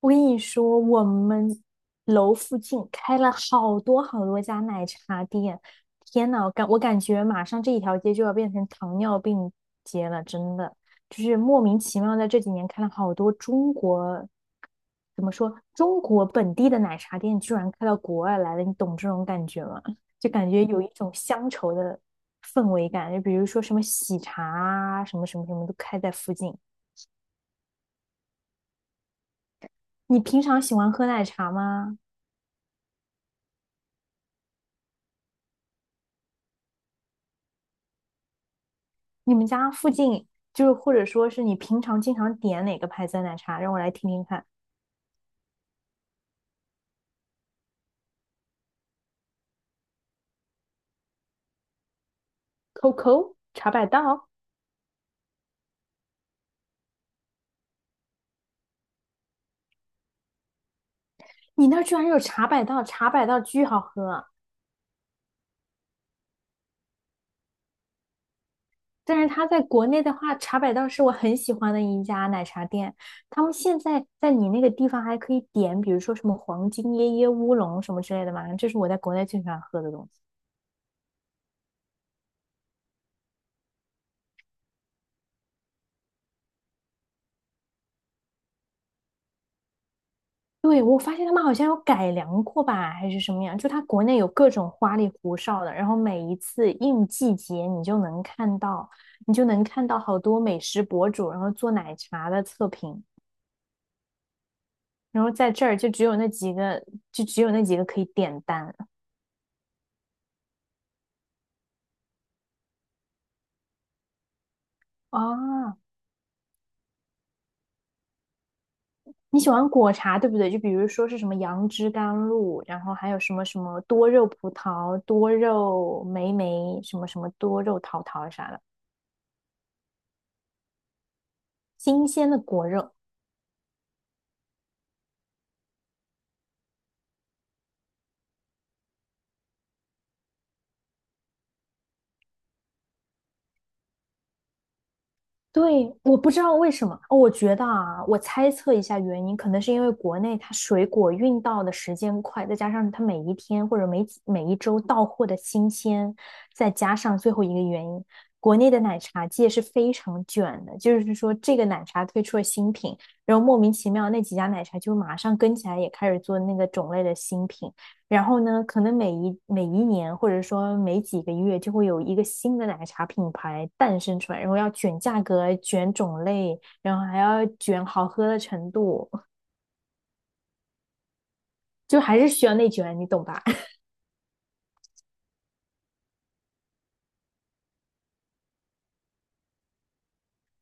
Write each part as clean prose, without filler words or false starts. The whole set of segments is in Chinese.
我跟你说，我们楼附近开了好多好多家奶茶店，天呐，我感觉马上这一条街就要变成糖尿病街了，真的，就是莫名其妙在这几年开了好多中国，怎么说，中国本地的奶茶店居然开到国外来了，你懂这种感觉吗？就感觉有一种乡愁的氛围感，就比如说什么喜茶啊，什么什么什么都开在附近。你平常喜欢喝奶茶吗？你们家附近就是或者说是你平常经常点哪个牌子的奶茶？让我来听听看。COCO 茶百道，你那儿居然有茶百道，茶百道巨好喝。但是它在国内的话，茶百道是我很喜欢的一家奶茶店。他们现在在你那个地方还可以点，比如说什么黄金椰椰乌龙什么之类的嘛，这是我在国内最喜欢喝的东西。对，我发现他们好像有改良过吧，还是什么样？就它国内有各种花里胡哨的，然后每一次应季节，你就能看到，你就能看到好多美食博主，然后做奶茶的测评，然后在这儿就只有那几个，就只有那几个可以点单啊。你喜欢果茶对不对？就比如说是什么杨枝甘露，然后还有什么什么多肉葡萄、多肉莓莓，什么什么多肉桃桃啥的，新鲜的果肉。对，我不知道为什么，哦，我觉得啊，我猜测一下原因，可能是因为国内它水果运到的时间快，再加上它每一天或者每几每一周到货的新鲜，再加上最后一个原因，国内的奶茶界是非常卷的，就是说这个奶茶推出了新品，然后莫名其妙那几家奶茶就马上跟起来，也开始做那个种类的新品，然后呢，可能每一年，或者说每几个月，就会有一个新的奶茶品牌诞生出来，然后要卷价格、卷种类，然后还要卷好喝的程度，就还是需要内卷，你懂吧？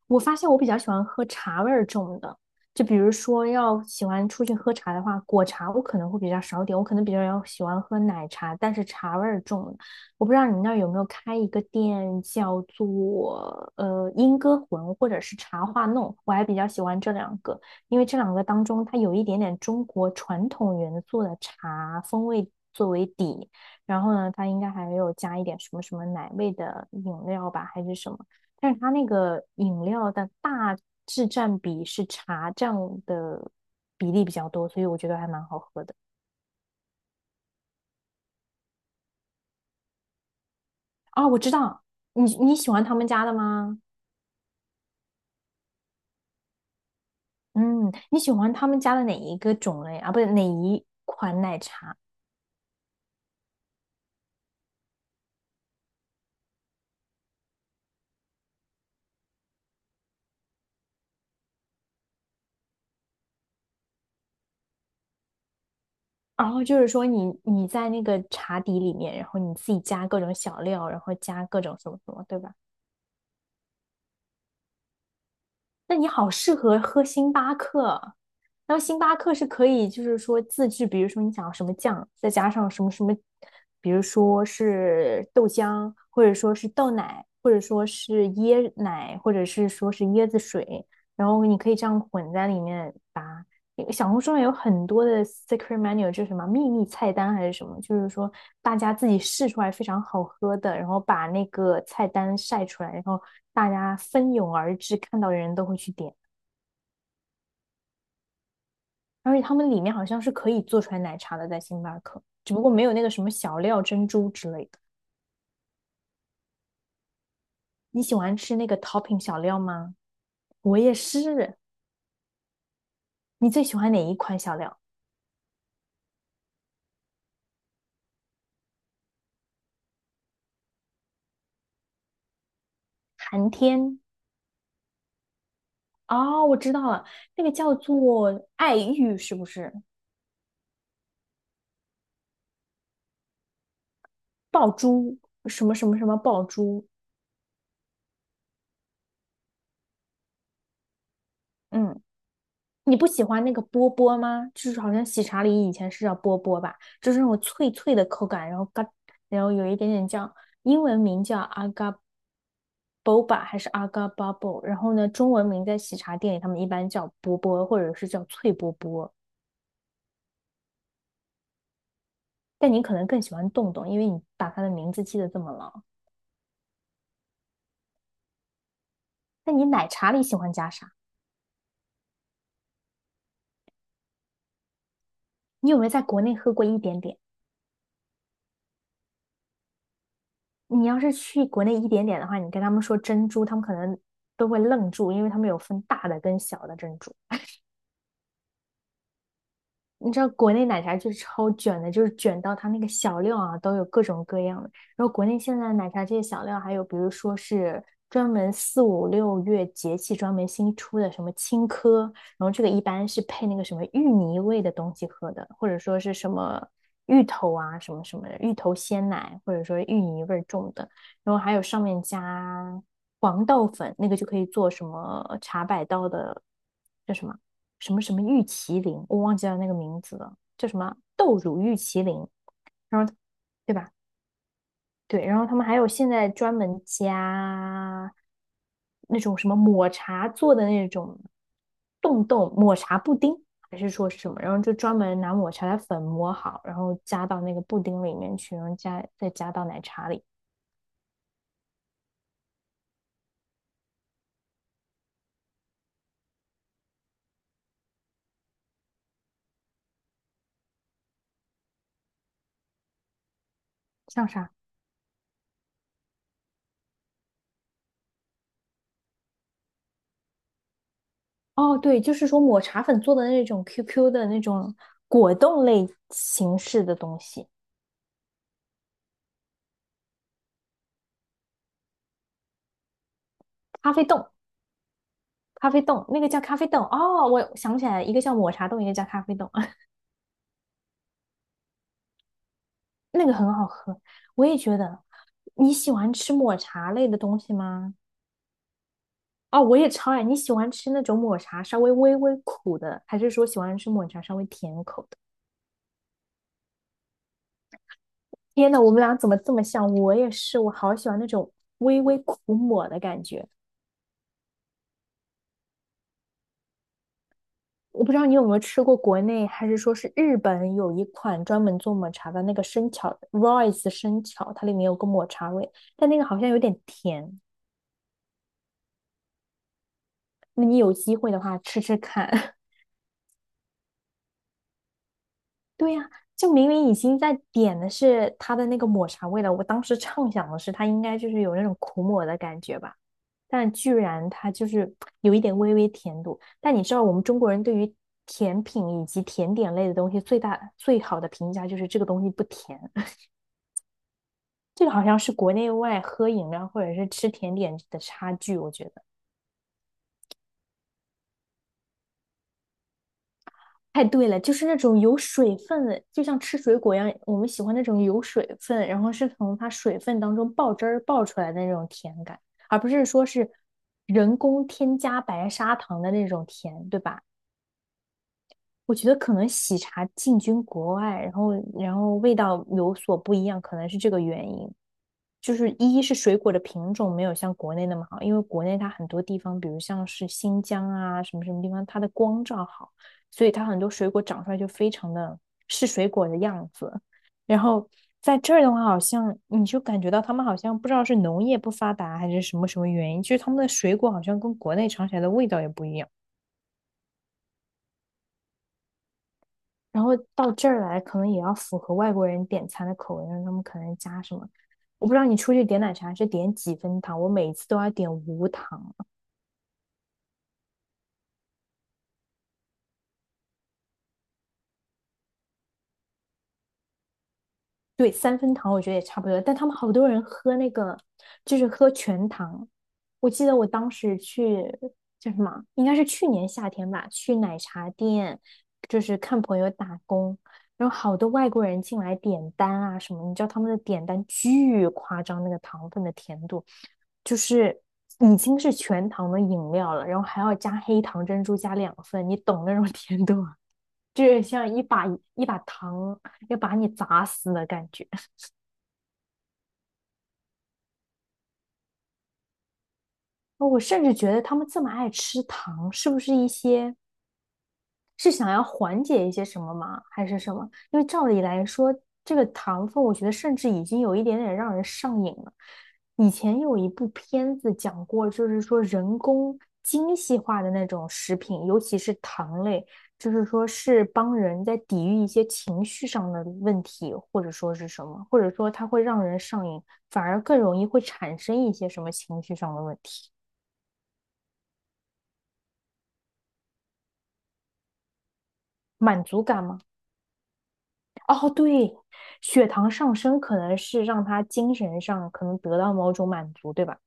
我发现我比较喜欢喝茶味儿重的，就比如说要喜欢出去喝茶的话，果茶我可能会比较少点，我可能比较要喜欢喝奶茶，但是茶味儿重的，我不知道你那儿有没有开一个店叫做莺歌魂或者是茶话弄，我还比较喜欢这两个，因为这两个当中它有一点点中国传统元素的茶风味作为底，然后呢，它应该还有加一点什么什么奶味的饮料吧，还是什么。但是它那个饮料的大致占比是茶这样的比例比较多，所以我觉得还蛮好喝的。啊，我知道，你喜欢他们家的吗？嗯，你喜欢他们家的哪一个种类啊？不是哪一款奶茶？然后就是说你在那个茶底里面，然后你自己加各种小料，然后加各种什么什么，对吧？那你好适合喝星巴克，然后星巴克是可以就是说自制，比如说你想要什么酱，再加上什么什么，比如说是豆浆，或者说是豆奶，或者说是椰奶，或者是说是椰子水，然后你可以这样混在里面。小红书上有很多的 secret menu，就是什么秘密菜单还是什么，就是说大家自己试出来非常好喝的，然后把那个菜单晒出来，然后大家蜂拥而至，看到的人都会去点。而且他们里面好像是可以做出来奶茶的，在星巴克，只不过没有那个什么小料珍珠之类的。你喜欢吃那个 topping 小料吗？我也是。你最喜欢哪一款小料？寒天。哦，我知道了，那个叫做爱玉，是不是？爆珠，什么什么什么爆珠？嗯，你不喜欢那个波波吗？就是好像喜茶里以前是叫波波吧，就是那种脆脆的口感，然后嘎，然后有一点点酱，英文名叫阿嘎 a boba 还是阿嘎 a bubble，然后呢，中文名在喜茶店里他们一般叫波波或者是叫脆波波，但你可能更喜欢洞洞，因为你把它的名字记得这么牢。那你奶茶里喜欢加啥？你有没有在国内喝过一点点？你要是去国内一点点的话，你跟他们说珍珠，他们可能都会愣住，因为他们有分大的跟小的珍珠。你知道国内奶茶就是超卷的，就是卷到它那个小料啊都有各种各样的。然后国内现在奶茶这些小料，还有比如说是专门四五六月节气专门新出的什么青稞，然后这个一般是配那个什么芋泥味的东西喝的，或者说是什么芋头啊什么什么的芋头鲜奶，或者说芋泥味儿重的。然后还有上面加黄豆粉，那个就可以做什么茶百道的，叫什么？什么什么玉麒麟，我忘记了那个名字了，叫什么豆乳玉麒麟，然后对吧？对，然后他们还有现在专门加那种什么抹茶做的那种冻冻抹茶布丁，还是说是什么？然后就专门拿抹茶的粉磨好，然后加到那个布丁里面去，然后加到奶茶里，像啥？哦，对，就是说抹茶粉做的那种 QQ 的那种果冻类形式的东西，咖啡冻。咖啡冻，那个叫咖啡冻哦，我想起来，一个叫抹茶冻，一个叫咖啡冻，那个很好喝。我也觉得，你喜欢吃抹茶类的东西吗？哦，我也超爱。你喜欢吃那种抹茶稍微微微苦的，还是说喜欢吃抹茶稍微甜口的？天呐，我们俩怎么这么像？我也是，我好喜欢那种微微苦抹的感觉。我不知道你有没有吃过国内，还是说是日本有一款专门做抹茶的那个生巧 Royce 生巧，它里面有个抹茶味，但那个好像有点甜。那你有机会的话吃吃看。对呀、就明明已经在点的是它的那个抹茶味了，我当时畅想的是它应该就是有那种苦抹的感觉吧，但居然它就是有一点微微甜度。但你知道我们中国人对于甜品以及甜点类的东西最大最好的评价就是这个东西不甜，这个好像是国内外喝饮料或者是吃甜点的差距，我觉得。太对了，就是那种有水分的，就像吃水果一样，我们喜欢那种有水分，然后是从它水分当中爆汁儿爆出来的那种甜感，而不是说是人工添加白砂糖的那种甜，对吧？我觉得可能喜茶进军国外，然后味道有所不一样，可能是这个原因。就是一是水果的品种没有像国内那么好，因为国内它很多地方，比如像是新疆啊什么什么地方，它的光照好，所以它很多水果长出来就非常的是水果的样子。然后在这儿的话，好像你就感觉到他们好像不知道是农业不发达还是什么什么原因，就是他们的水果好像跟国内尝起来的味道也不一样。然后到这儿来，可能也要符合外国人点餐的口味，让他们可能加什么？我不知道你出去点奶茶是点几分糖，我每次都要点无糖。对，三分糖我觉得也差不多，但他们好多人喝那个，就是喝全糖。我记得我当时去叫什么，应该是去年夏天吧，去奶茶店，就是看朋友打工，然后好多外国人进来点单啊什么，你知道他们的点单巨夸张，那个糖分的甜度，就是已经是全糖的饮料了，然后还要加黑糖珍珠加两份，你懂那种 甜度吗？就是像一把糖要把你砸死的感觉。哦我甚至觉得他们这么爱吃糖，是不是一些是想要缓解一些什么吗？还是什么？因为照理来说，这个糖分，我觉得甚至已经有一点点让人上瘾了。以前有一部片子讲过，就是说人工精细化的那种食品，尤其是糖类，就是说是帮人在抵御一些情绪上的问题，或者说是什么，或者说它会让人上瘾，反而更容易会产生一些什么情绪上的问题，满足感吗？哦，对，血糖上升可能是让他精神上可能得到某种满足，对吧？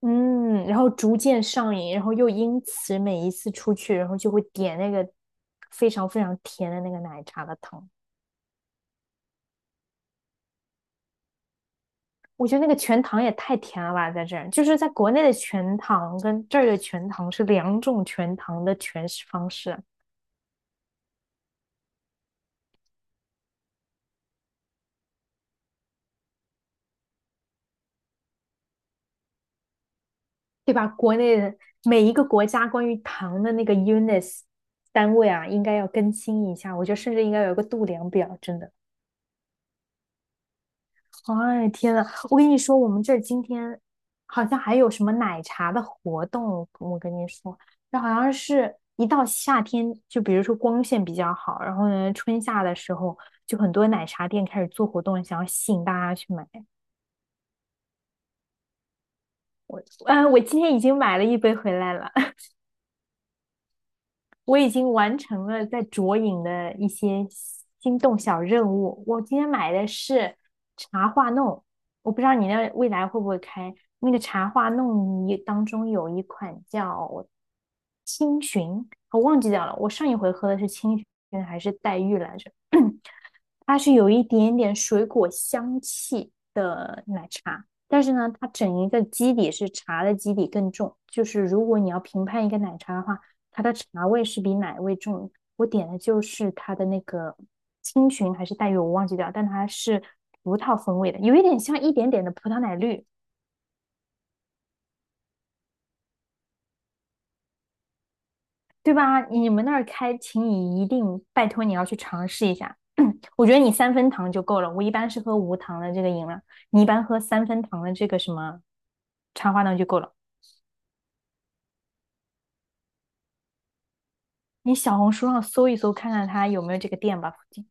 嗯，然后逐渐上瘾，然后又因此每一次出去，然后就会点那个非常非常甜的那个奶茶的糖。我觉得那个全糖也太甜了吧，在这儿，就是在国内的全糖跟这儿的全糖是两种全糖的诠释方式，对吧？国内的每一个国家关于糖的那个 units 单位啊，应该要更新一下，我觉得甚至应该有一个度量表，真的。哎，天呐，我跟你说，我们这儿今天好像还有什么奶茶的活动，我跟你说，这好像是一到夏天，就比如说光线比较好，然后呢，春夏的时候，就很多奶茶店开始做活动，想要吸引大家去买。嗯，我今天已经买了一杯回来了。我已经完成了在卓影的一些心动小任务。我今天买的是茶话弄，我不知道你那未来会不会开那个茶话弄一当中有一款叫青寻，我忘记掉了。我上一回喝的是青寻还是黛玉来着？它是有一点点水果香气，但是呢，它整一个基底是茶的基底更重，就是如果你要评判一个奶茶的话，它的茶味是比奶味重。我点的就是它的那个青寻还是黛玉，我忘记掉，但它是葡萄风味的，有一点像一点点的葡萄奶绿，对吧？你们那儿开，请你一定拜托你要去尝试一下。我觉得你三分糖就够了，我一般是喝无糖的这个饮料，你一般喝三分糖的这个什么茶花糖就够了。你小红书上搜一搜，看看它有没有这个店吧，附近。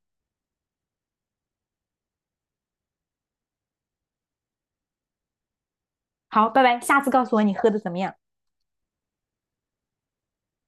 好，拜拜，下次告诉我你喝的怎么样。